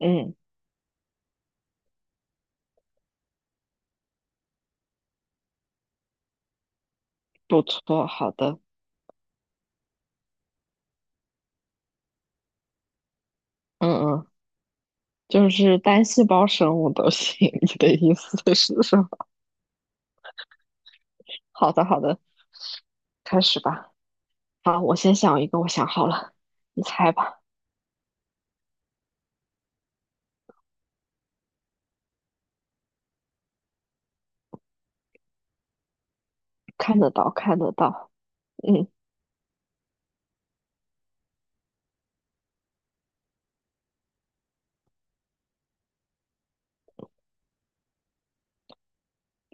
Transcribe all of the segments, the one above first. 嗯，不错，好的，嗯嗯，就是单细胞生物都行。你的意思是说，好的，好的，开始吧。好，我先想一个，我想好了，你猜吧。看得到，看得到。嗯，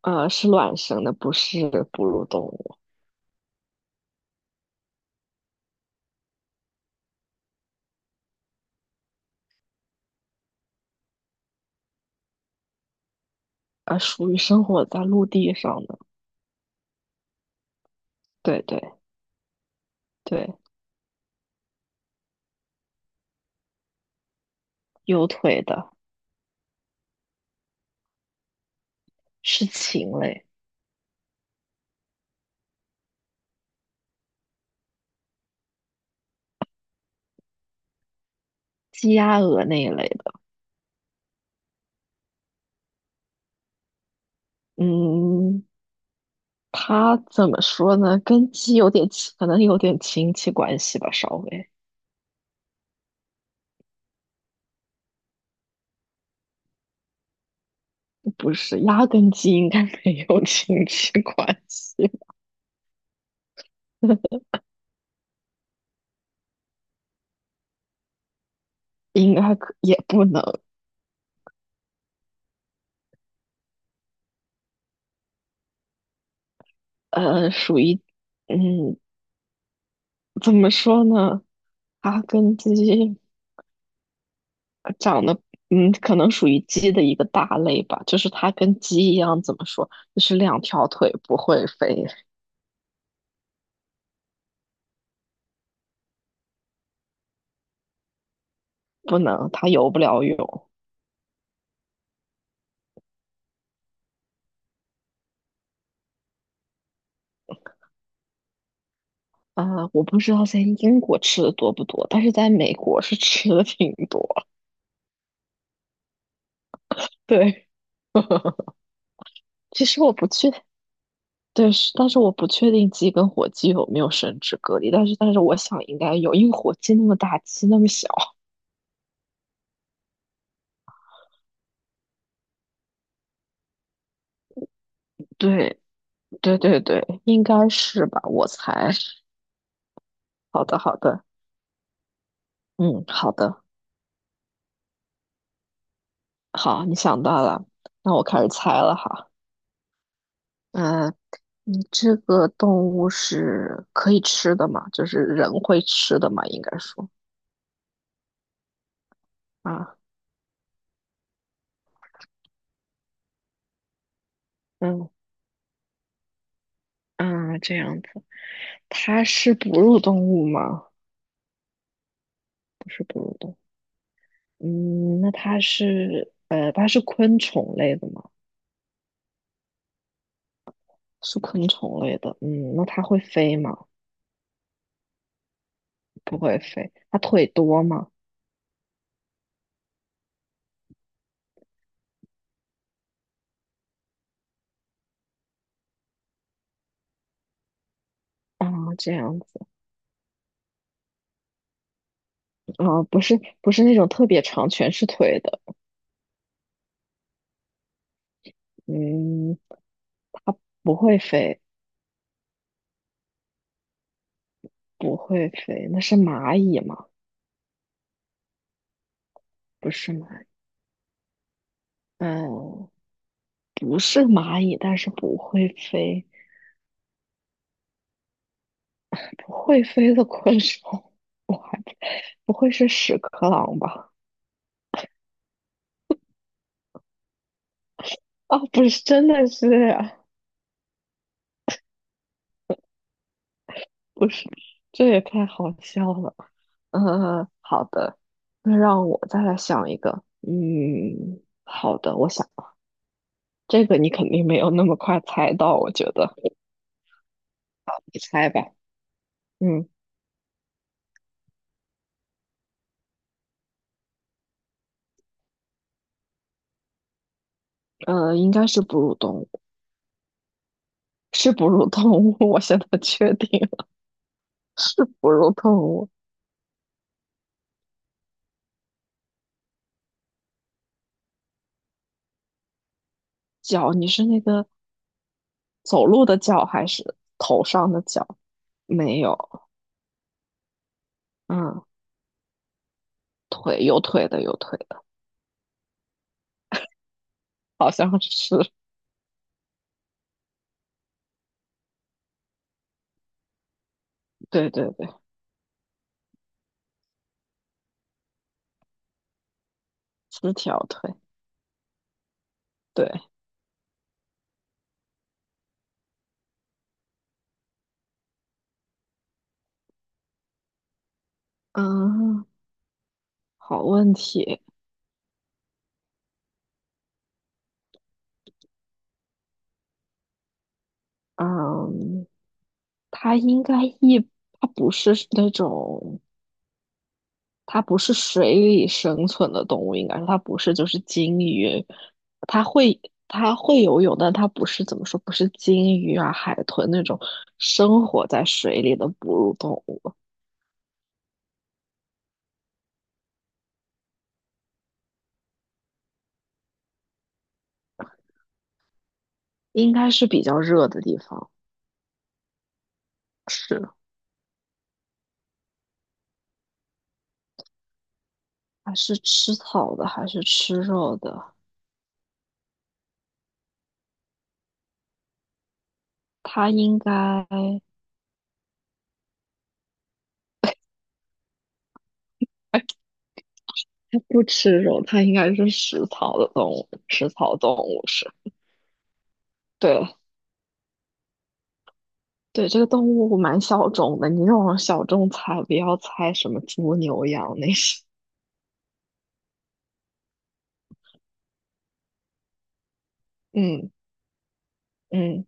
是卵生的，不是哺乳动物，属于生活在陆地上的。对对对，有腿的，是禽类，鸡鸭鹅那一类的。嗯，它怎么说呢？跟鸡有点亲，可能有点亲戚关系吧，稍微。不是，鸭跟鸡应该没有亲戚关系，应该可也不能，属于，嗯，怎么说呢？它跟鸡长得，嗯，可能属于鸡的一个大类吧，就是它跟鸡一样，怎么说？就是两条腿不会飞，不能，它游不了泳。啊、我不知道在英国吃的多不多，但是在美国是吃的挺多。对，其实我不确对，是，但是我不确定鸡跟火鸡有没有生殖隔离，但是我想应该有，因为火鸡那么大，鸡那么小。对，对对对，应该是吧，我猜。好的，好的，嗯，好的，好，你想到了，那我开始猜了哈。嗯，你这个动物是可以吃的吗？就是人会吃的吗？应该说啊，嗯嗯，这样子，它是哺乳动物吗？不是哺乳动物。嗯，那它是它是昆虫类的吗？是昆虫类的。嗯，那它会飞吗？不会飞。它腿多吗？啊，这样子啊，不是不是那种特别长，全是腿的。嗯，不会飞，不会飞。那是蚂蚁吗？不是蚂蚁嗯，不是蚂蚁，但是不会飞，不会飞的昆虫，我还不会是屎壳郎吧？啊，不是，真的是。不是，这也太好笑了。嗯，嗯好的，那让我再来想一个。嗯，好的，我想这个你肯定没有那么快猜到，我觉得你猜吧。嗯，应该是哺乳动物，是哺乳动物，我现在确定了是哺乳动物。脚，你是那个走路的脚还是头上的脚？没有，嗯，腿有腿的有腿的，好像是，对对对，四条腿。对。嗯，好问题。嗯，它应该一，它不是那种，它不是水里生存的动物，应该说它不是就是鲸鱼，它会它会游泳，但它不是怎么说，不是鲸鱼啊、海豚那种生活在水里的哺乳动物，应该是比较热的地方是还是吃草的，还是吃肉的？它应该。它不吃肉，它应该是食草的动物，食草动物是。对对，这个动物蛮小众的，你这种小众猜，不要猜什么猪、牛、羊那些。嗯嗯，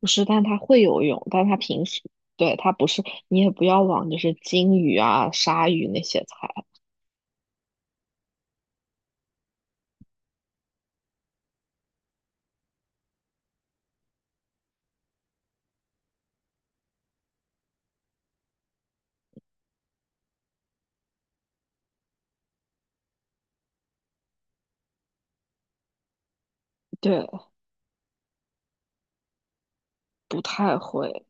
不是，但它会游泳，但它平时对它不是，你也不要往就是金鱼啊、鲨鱼那些猜，对，不太会。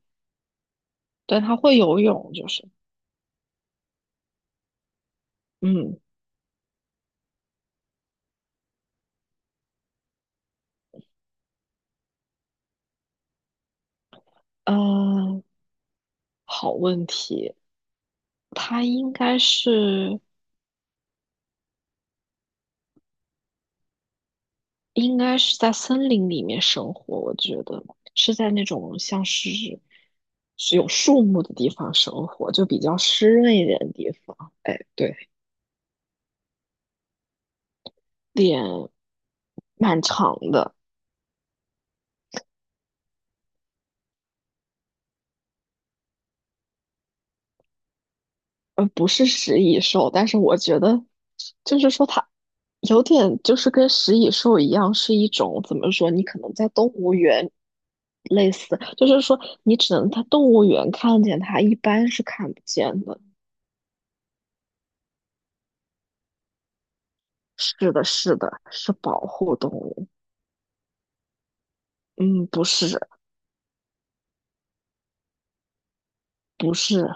但它会游泳，就是嗯嗯，好问题，它应该是。应该是在森林里面生活，我觉得是在那种像是是有树木的地方生活，就比较湿润一点的地方。哎，对，脸蛮长的，不是食蚁兽，但是我觉得就是说它有点就是跟食蚁兽一样，是一种怎么说？你可能在动物园类似，就是说你只能在动物园看见它，一般是看不见的。是的，是的，是保护动物。嗯，不是，不是，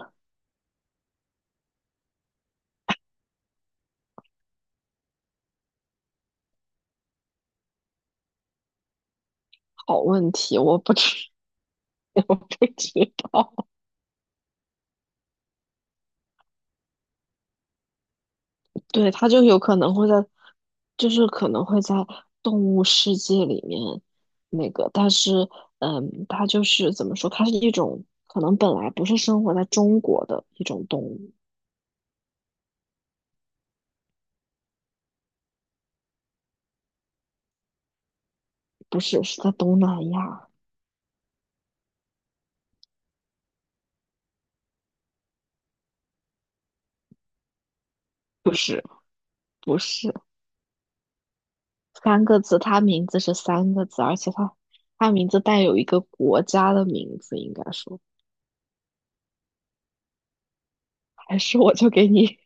好问题，我不知 不知道。对，它就有可能会在，就是可能会在动物世界里面那个，但是，嗯，它就是怎么说，它是一种可能本来不是生活在中国的一种动物，不是，是在东南亚，不是，不是，三个字，它名字是三个字，而且它它名字带有一个国家的名字，应该说。还是我就给你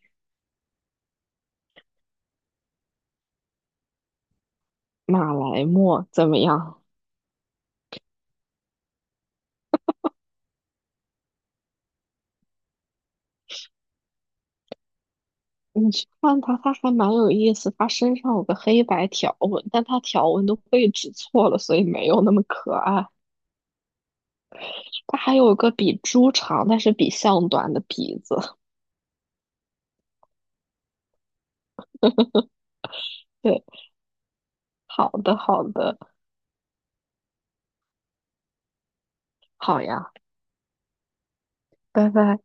马来貘怎么样？你去看它，它还蛮有意思。它身上有个黑白条纹，但它条纹的位置错了，所以没有那么可爱。它还有个比猪长，但是比象短的鼻子。对，好的，好的，好呀，拜拜。